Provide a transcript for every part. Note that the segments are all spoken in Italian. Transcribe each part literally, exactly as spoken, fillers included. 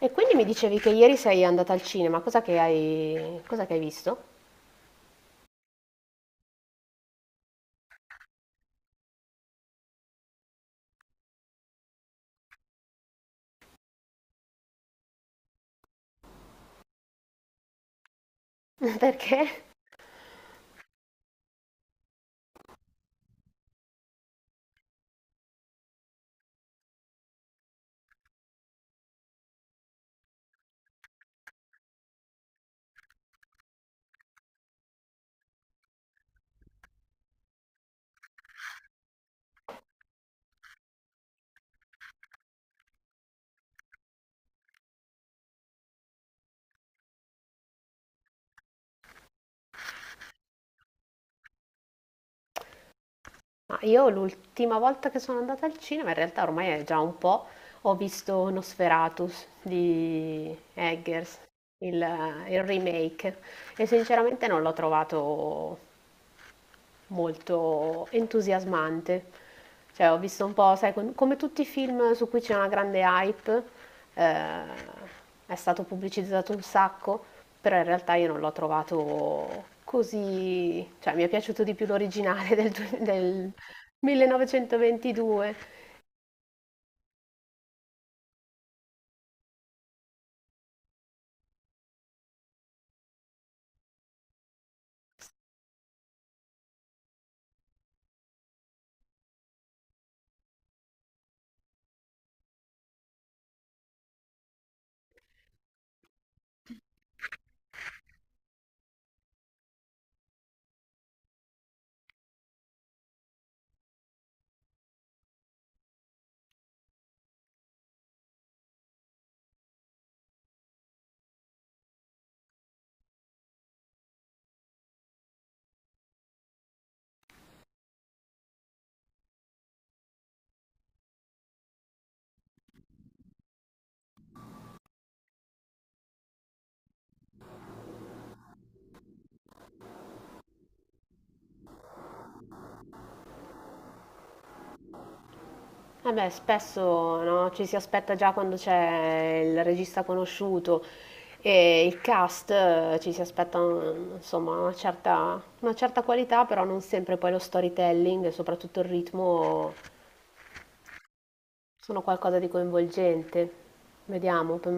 E quindi mi dicevi che ieri sei andata al cinema, cosa che hai, cosa che hai visto? Perché? Ma io l'ultima volta che sono andata al cinema, in realtà ormai è già un po', ho visto Nosferatus di Eggers, il, eh, il remake, e sinceramente non l'ho trovato molto entusiasmante. Cioè, ho visto un po', sai, con- come tutti i film su cui c'è una grande hype, eh, è stato pubblicizzato un sacco, però in realtà io non l'ho trovato così, cioè mi è piaciuto di più l'originale del, due- del millenovecentoventidue. Eh beh, spesso no, ci si aspetta già quando c'è il regista conosciuto e il cast, eh, ci si aspetta mm, insomma una certa, una certa qualità, però non sempre poi lo storytelling e soprattutto il ritmo sono qualcosa di coinvolgente. Vediamo, p-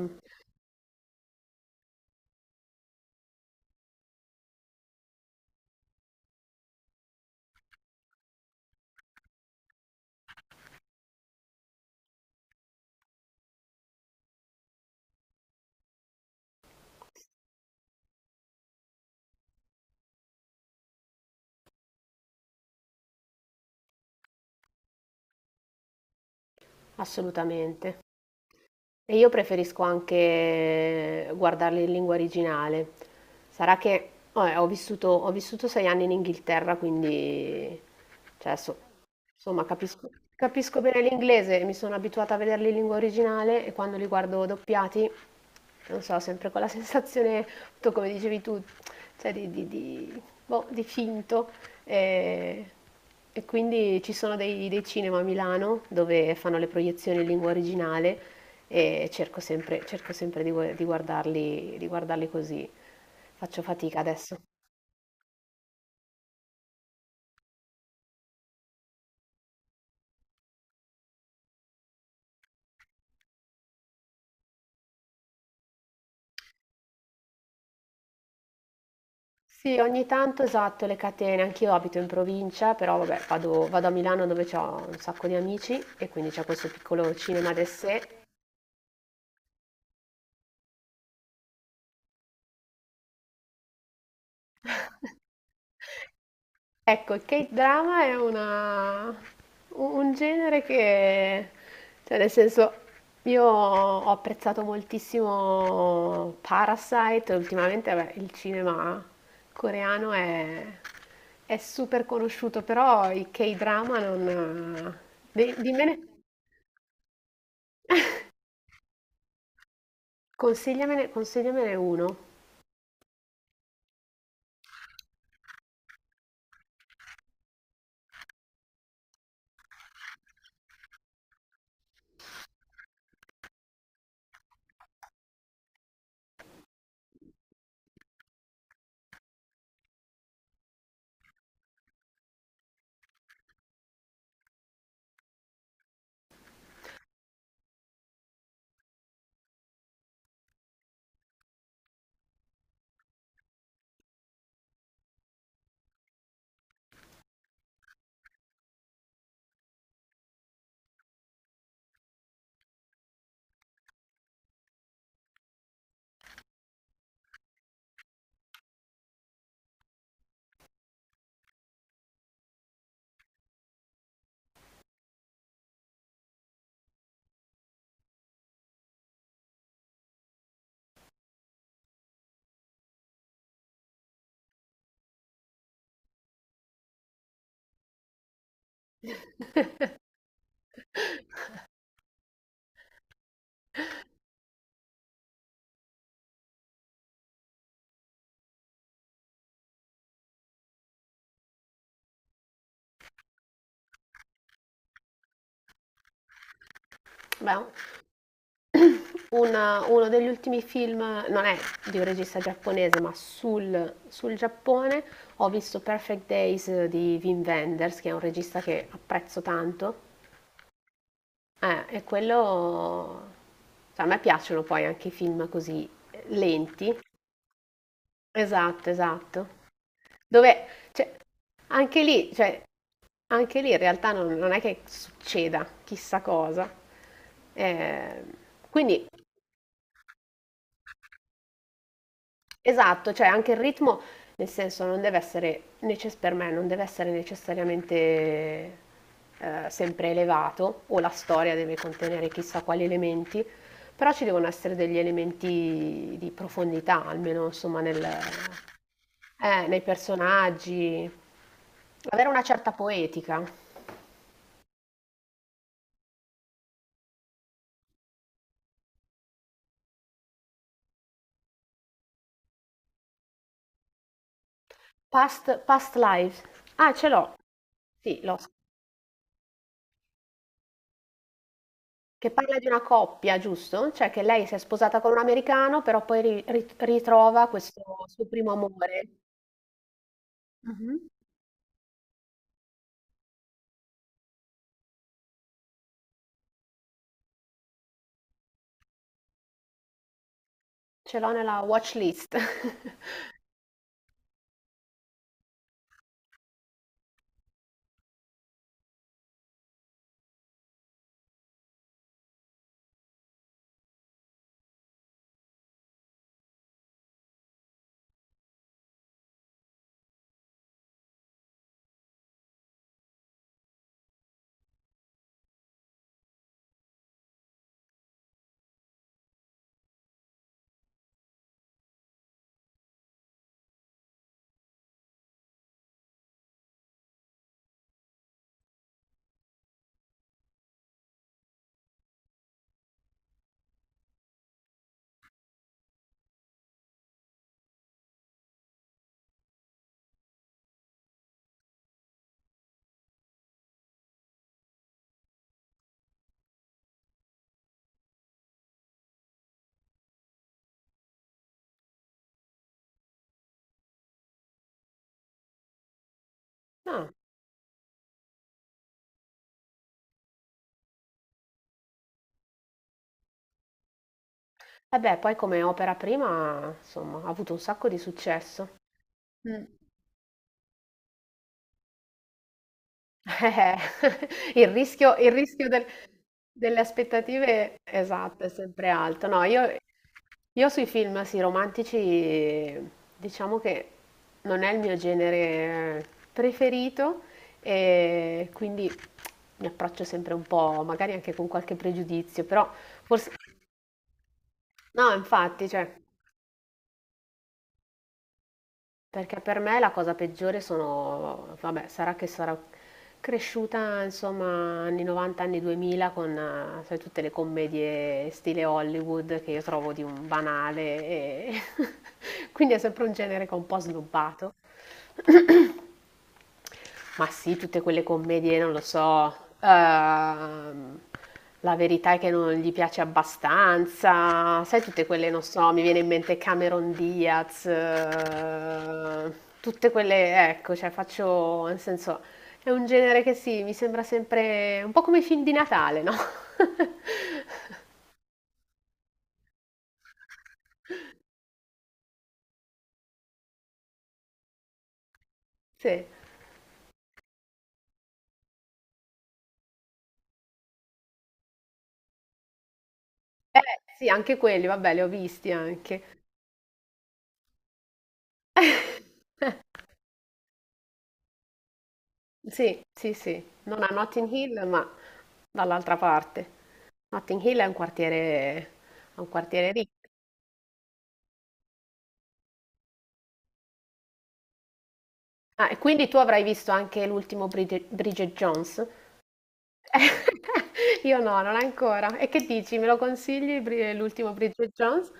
assolutamente. E io preferisco anche guardarli in lingua originale. Sarà che vabbè, ho vissuto, ho vissuto sei anni in Inghilterra, quindi cioè, so- insomma, capisco, capisco bene l'inglese e mi sono abituata a vederli in lingua originale e quando li guardo doppiati, non so, sempre quella sensazione, appunto, come dicevi tu, cioè, di, di- di- boh, di finto. E, e quindi ci sono dei, dei cinema a Milano dove fanno le proiezioni in lingua originale e cerco sempre, cerco sempre di, gu- di guardarli, di guardarli così. Faccio fatica adesso. Sì, ogni tanto esatto, le catene. Anch'io abito in provincia, però vabbè, vado, vado a Milano dove ho un sacco di amici e quindi c'è questo piccolo cinema d'essè. Ecco, il K-drama è una, un un genere che, cioè nel senso, io ho apprezzato moltissimo Parasite, ultimamente vabbè, il cinema coreano è, è super conosciuto, però i K-drama non... di- Dimmene, consigliamene, consigliamene uno. Beh, una- uno degli ultimi film, non è di un regista giapponese, ma sul, sul Giappone, ho visto Perfect Days di Wim Wenders, che è un regista che apprezzo tanto. Eh, e quello... cioè, a me piacciono poi anche i film così lenti. Esatto, esatto. Dove, cioè, anche lì, cioè, anche lì in realtà non, non è che succeda chissà cosa. Eh, quindi esatto, cioè anche il ritmo, nel senso, non deve essere, necess- per me, non deve essere necessariamente eh, sempre elevato, o la storia deve contenere chissà quali elementi, però ci devono essere degli elementi di profondità, almeno insomma nel- eh, nei personaggi, avere una certa poetica. Past, past lives. Ah, ce l'ho, sì, l'ho Che parla di una coppia, giusto? Cioè che lei si è sposata con un americano, però poi ri- ri- ritrova questo suo primo amore. Mhm. Ce l'ho nella watch list. Ah, vabbè, poi come opera prima, insomma, ha avuto un sacco di successo. Mm. Eh, il rischio, il rischio del- delle aspettative, esatto, è sempre alto. No, io, io sui film, sì, romantici, diciamo che non è il mio genere preferito e quindi mi approccio sempre un po', magari anche con qualche pregiudizio, però forse... No, infatti, cioè, perché per me la cosa peggiore sono, vabbè, sarà che sarò cresciuta, insomma, anni novanta, anni duemila con eh, sai, tutte le commedie stile Hollywood che io trovo di un banale e quindi è sempre un genere che ho un po' snobbato. Ma sì, tutte quelle commedie, non lo so, ehm, la verità è che non gli piace abbastanza, sai, tutte quelle, non so, mi viene in mente Cameron Diaz, eh, tutte quelle, ecco, cioè faccio, nel senso, è un genere che sì, mi sembra sempre un po' come i film di Natale, no? Sì, eh, sì, anche quelli, vabbè, li ho visti anche. Sì, sì, sì, non a Notting Hill, ma dall'altra parte. Notting Hill è un quartiere, è un quartiere ricco. Ah, e quindi tu avrai visto anche l'ultimo Brid- Bridget Jones? Io no, non ancora. E che dici? Me lo consigli Bri- l'ultimo Bridget Jones?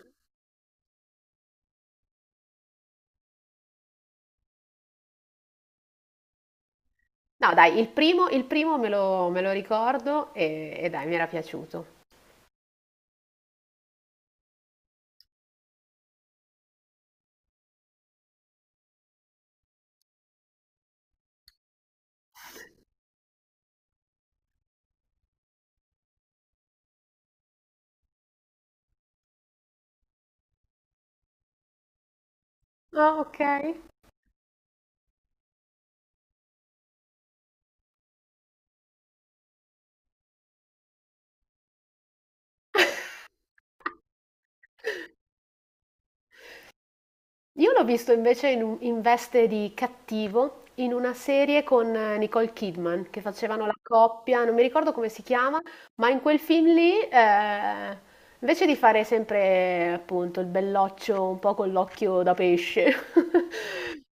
No, dai, il primo, il primo me lo, me lo ricordo e, e dai, mi era piaciuto. Ah, ok. Io l'ho visto invece in, un- in veste di cattivo in una serie con eh, Nicole Kidman che facevano la coppia, non mi ricordo come si chiama, ma in quel film lì, eh, invece di fare sempre appunto il belloccio un po' con l'occhio da pesce.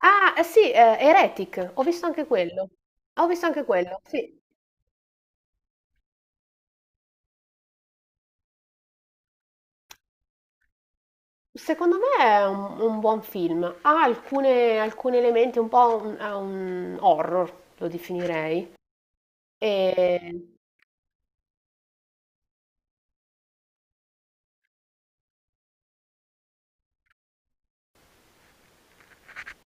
Ah, eh sì, eh, Heretic, ho visto anche quello. Ho visto anche quello, sì. Secondo me è un, un buon film. Ha alcune- alcuni elementi un po' un, è un horror, lo definirei. E...